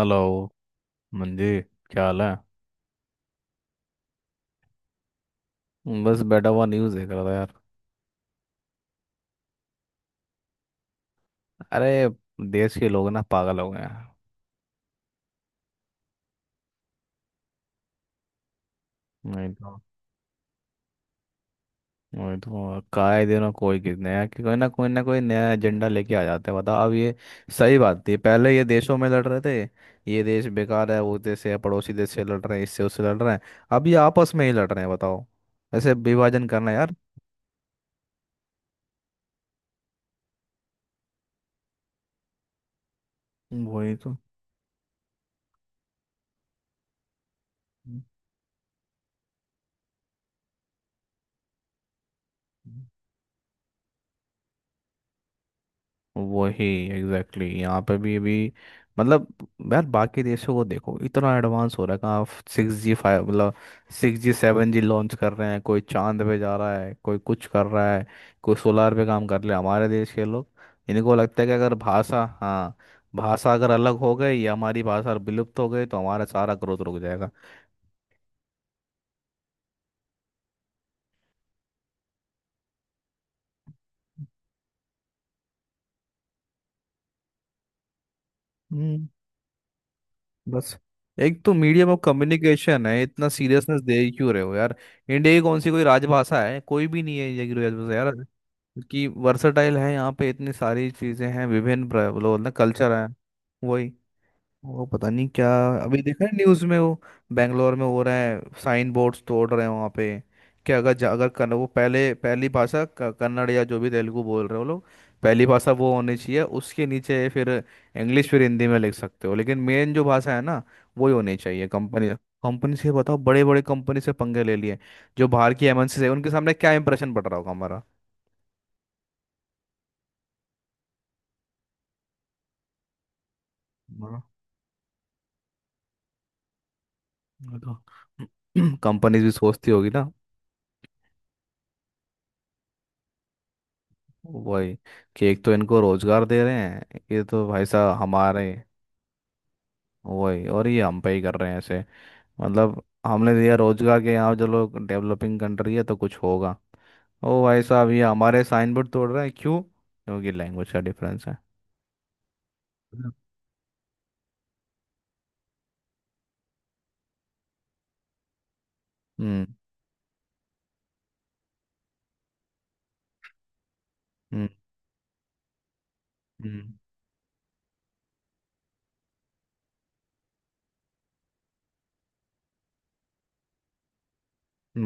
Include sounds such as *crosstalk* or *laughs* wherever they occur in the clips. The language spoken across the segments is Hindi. हेलो मंजी, क्या हाल है? बस बैठा हुआ न्यूज़ देख रहा था यार। अरे, देश के लोग ना पागल हो गए हैं। नहीं तो। वही तो, काहे दिनों कोई किस नया कि कोई ना कोई नया एजेंडा लेके आ जाते हैं। बताओ अब ये सही बात थी, पहले ये देशों में लड़ रहे थे, ये देश बेकार है वो देश है, पड़ोसी देश से लड़ रहे हैं, इससे उससे लड़ रहे हैं। अब ये आपस में ही लड़ रहे हैं बताओ। ऐसे विभाजन करना यार। वही तो। वही। Exactly exactly। यहाँ पे भी अभी, मतलब, यार बाकी देशों को देखो, इतना एडवांस हो रखा है। आप 6G 5, मतलब 6G 7G लॉन्च कर रहे हैं, कोई चांद पे जा रहा है, कोई कुछ कर रहा है, कोई सोलार पे काम कर रहे हैं। हमारे देश के लोग, इनको लगता है कि अगर भाषा, हाँ, भाषा अगर अलग हो गई या हमारी भाषा विलुप्त हो गई तो हमारा सारा ग्रोथ रुक जाएगा। बस एक तो मीडियम ऑफ कम्युनिकेशन है, इतना सीरियसनेस दे क्यों रहे हो यार। इंडिया की कौन सी कोई राजभाषा है? कोई भी नहीं है इंडिया की राजभाषा यार। कि वर्सटाइल है, यहाँ पे इतनी सारी चीजें हैं, विभिन्न बोलो ना, कल्चर है। वही। वो पता नहीं क्या। अभी देखा है न्यूज़ में वो, बेंगलोर में हो रहा है, साइन बोर्ड्स तोड़ रहे हैं वहाँ पे। क्या, अगर कन्न वो पहले पहली भाषा, कन्नड़ या जो भी तेलुगु बोल रहे हो लोग, पहली भाषा वो होनी चाहिए, उसके नीचे फिर इंग्लिश फिर हिंदी में लिख सकते हो, लेकिन मेन जो भाषा है ना वो ही होनी चाहिए। कंपनी, कंपनी से बताओ, बड़े बड़े कंपनी से पंगे ले लिए, जो बाहर की MNC है उनके सामने क्या इंप्रेशन पड़ रहा होगा हमारा। हाँ। वो तो *clears throat* कंपनीज भी सोचती होगी ना। वही कि एक तो इनको रोजगार दे रहे हैं, ये तो भाई साहब हमारे। वही, और ये हम पे ही कर रहे हैं ऐसे। मतलब हमने दिया रोजगार, के यहाँ जो लोग डेवलपिंग कंट्री है तो कुछ होगा। ओ भाई साहब, ये हमारे साइन बोर्ड तोड़ रहे हैं क्यों? क्योंकि लैंग्वेज का डिफरेंस है। हम्म। हम्म। हम्म।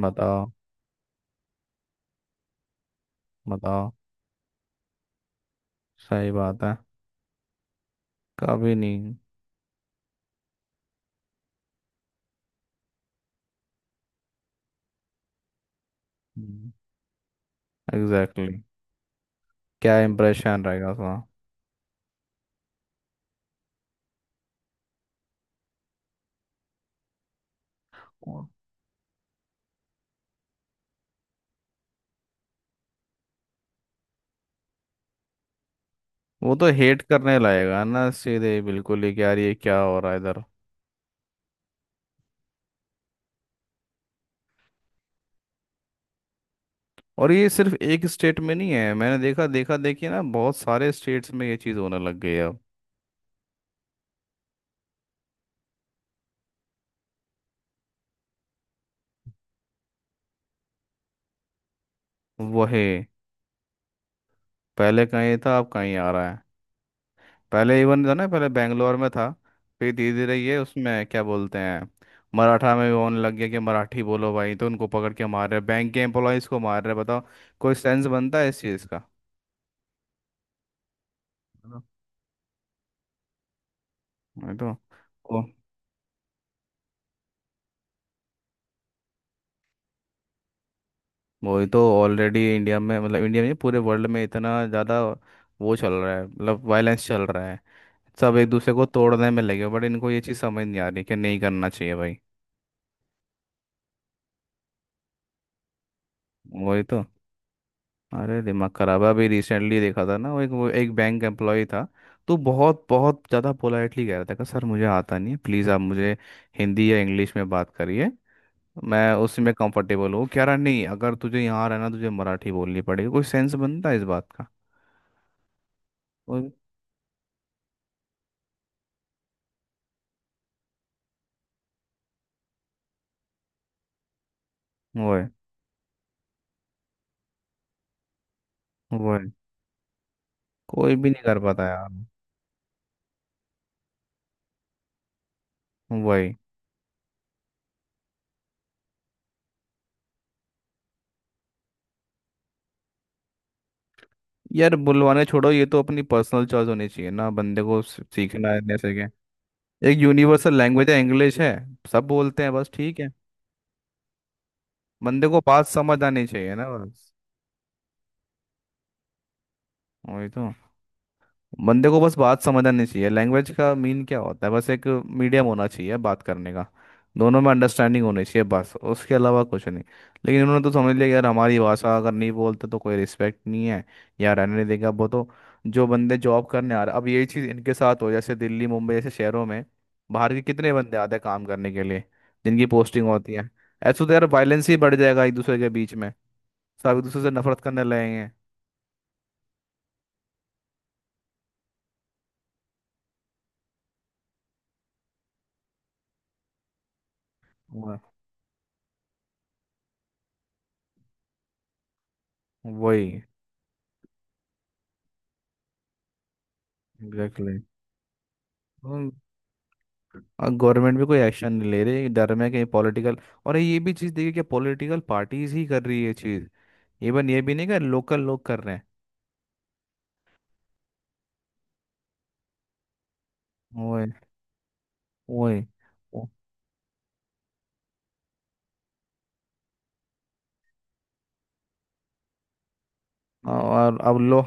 बताओ। बताओ। सही बात है। कभी नहीं। Exactly exactly। क्या इम्प्रेशन रहेगा उसका। वो वो तो हेट करने लगेगा ना सीधे बिल्कुल ही, कि यार ये क्या हो रहा है इधर। और ये सिर्फ एक स्टेट में नहीं है, मैंने देखा देखा देखिए ना, बहुत सारे स्टेट्स में ये चीज़ होने लग गई है अब। वही। पहले कहीं था, अब कहीं आ रहा है। पहले इवन था ना, पहले बेंगलोर में था, फिर धीरे धीरे ये उसमें क्या बोलते हैं, मराठा में भी होने लग गया कि मराठी बोलो भाई, तो उनको पकड़ के मार रहे हैं, बैंक के एम्प्लॉयज़ को मार रहे हैं बताओ। कोई सेंस बनता है इस चीज़ का? है ना? नहीं तो। वही तो, ऑलरेडी इंडिया में, मतलब इंडिया में नहीं, पूरे वर्ल्ड में इतना ज़्यादा वो चल रहा है, मतलब वायलेंस चल रहा है। सब एक दूसरे को तोड़ने में लगे, बट इनको ये चीज़ समझ नहीं आ रही कि नहीं करना चाहिए भाई। वही तो। अरे दिमाग खराब है, अभी रिसेंटली देखा था ना, वो एक बैंक एम्प्लॉय था, तो बहुत बहुत ज़्यादा पोलाइटली कह रहा था कि सर मुझे आता नहीं है, प्लीज़ आप मुझे हिंदी या इंग्लिश में बात करिए, मैं उसी में कंफर्टेबल हूँ। कह रहा नहीं, अगर तुझे यहाँ रहना तुझे मराठी बोलनी पड़ेगी। कोई सेंस बनता है इस बात का? वो वो है वो है। कोई भी नहीं कर पाता यार। वही। यार बुलवाने छोड़ो, ये तो अपनी पर्सनल चॉइस होनी चाहिए ना, बंदे को सीखना है नहीं सीखे। एक यूनिवर्सल लैंग्वेज है, इंग्लिश है सब बोलते हैं, बस ठीक है, बंदे को बात समझ आनी चाहिए ना बस। वही तो, बंदे को बस बात समझ आनी चाहिए, लैंग्वेज का मीन क्या होता है, बस एक मीडियम होना चाहिए बात करने का, दोनों में अंडरस्टैंडिंग होनी चाहिए बस, उसके अलावा कुछ नहीं। लेकिन उन्होंने तो समझ लिया कि यार हमारी भाषा अगर नहीं बोलते तो कोई रिस्पेक्ट नहीं है, या रहने नहीं देगा। वो तो जो बंदे जॉब करने आ रहे, अब यही चीज़ इनके साथ हो, जैसे दिल्ली मुंबई जैसे शहरों में बाहर के कितने बंदे आते हैं काम करने के लिए, जिनकी पोस्टिंग होती है। ऐसे तो यार वायलेंस ही बढ़ जाएगा एक दूसरे के बीच में, सब एक दूसरे से नफरत करने लगेंगे। वह- वही। एग्जैक्टली। और गवर्नमेंट भी कोई एक्शन नहीं ले रही, डर में कहीं पॉलिटिकल, और ये भी चीज़ देखिए क्या पॉलिटिकल पार्टीज ही कर रही है ये चीज़, इवन ये भी नहीं, कर लोकल लोग कर रहे हैं। ओए, ओए। और अब लो,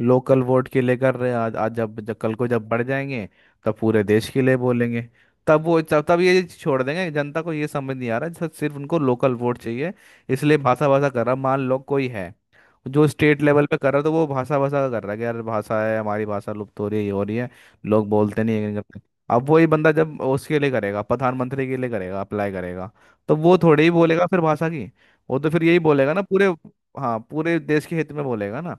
लोकल वोट के लिए कर रहे हैं आज, जब जब कल को जब बढ़ जाएंगे, तब पूरे देश के लिए बोलेंगे। तब वो, तब तब ये चीज़ छोड़ देंगे, जनता को ये समझ नहीं आ रहा है, सिर्फ उनको लोकल वोट चाहिए। इसलिए भाषा भाषा कर रहा। मान लो कोई है जो स्टेट लेवल पे कर रहा है, तो वो भाषा भाषा का कर रहा है कि यार भाषा है हमारी, भाषा लुप्त हो रही है, ये हो रही है, लोग बोलते नहीं है ये नहीं करते। अब वही बंदा जब उसके लिए करेगा, प्रधानमंत्री के लिए करेगा अप्लाई करेगा, तो वो थोड़े ही बोलेगा फिर भाषा की। वो तो फिर यही बोलेगा ना पूरे, हाँ पूरे देश के हित में बोलेगा ना।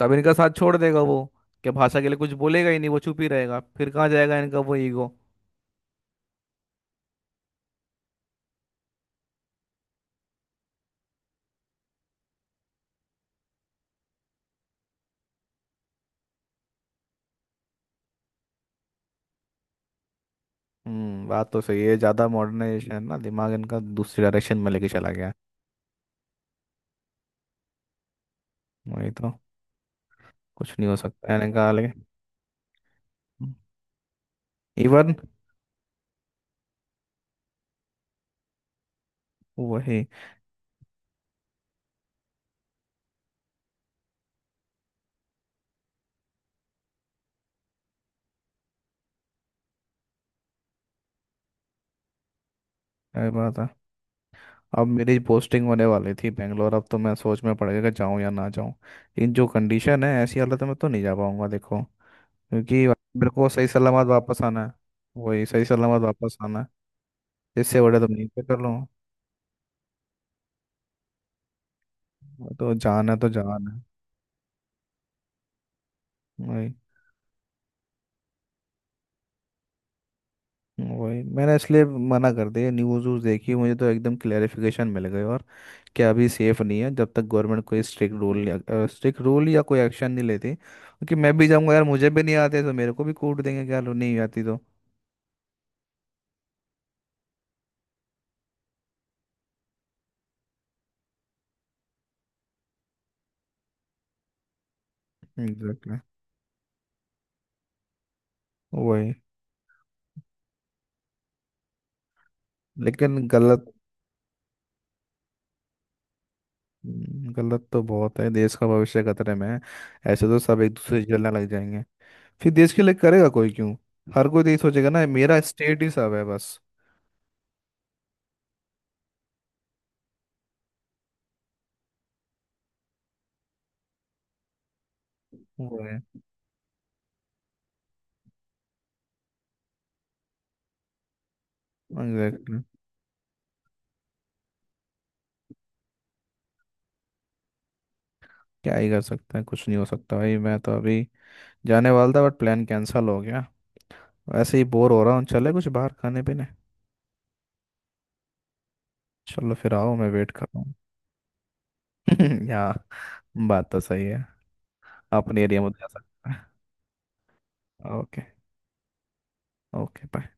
तब इनका साथ छोड़ देगा वो, क्या भाषा के लिए कुछ बोलेगा ही नहीं, वो चुप ही रहेगा, फिर कहाँ जाएगा इनका वो ईगो। हम्म, बात तो सही है, ज़्यादा मॉडर्नाइजेशन है ना, दिमाग इनका दूसरी डायरेक्शन में लेके चला गया है। वही तो। कुछ नहीं हो सकता है इनका लेकिन, इवन, वही। क्या बात है, अब मेरी पोस्टिंग होने वाली थी बेंगलोर, अब तो मैं सोच में पड़ गया कि जाऊँ या ना जाऊँ, लेकिन जो कंडीशन है ऐसी हालत में तो नहीं जा पाऊंगा देखो, क्योंकि मेरे को सही सलामत वापस आना है। वही, सही सलामत वापस आना है, इससे बड़ा तो नहीं, पे कर लो। तो जाना है। वही। वही मैंने इसलिए मना कर दिया, न्यूज़ व्यूज़ देखी मुझे तो एकदम क्लेरिफिकेशन मिल गई और क्या, अभी सेफ नहीं है जब तक गवर्नमेंट कोई स्ट्रिक्ट रूल या कोई एक्शन नहीं लेती, क्योंकि मैं भी जाऊंगा यार, मुझे भी नहीं आते तो मेरे को भी कूट देंगे क्या, लो नहीं आती तो। एग्जैक्टली। वही। लेकिन गलत। गलत तो बहुत है, देश का भविष्य खतरे में है, ऐसे तो सब एक दूसरे से जलने लग जाएंगे, फिर देश के लिए करेगा कोई क्यों? हर कोई तो यही सोचेगा ना मेरा स्टेट ही सब है बस। वो है। एग्जैक्टली। क्या ही कर सकते हैं, कुछ नहीं हो सकता भाई। मैं तो अभी जाने वाला था बट प्लान कैंसिल हो गया, वैसे ही बोर हो रहा हूँ, चले कुछ बाहर खाने पीने। चलो फिर आओ, मैं वेट कर रहा हूँ *laughs* या बात तो सही है, अपने एरिया में तो जा सकते हैं। ओके। Okay bye.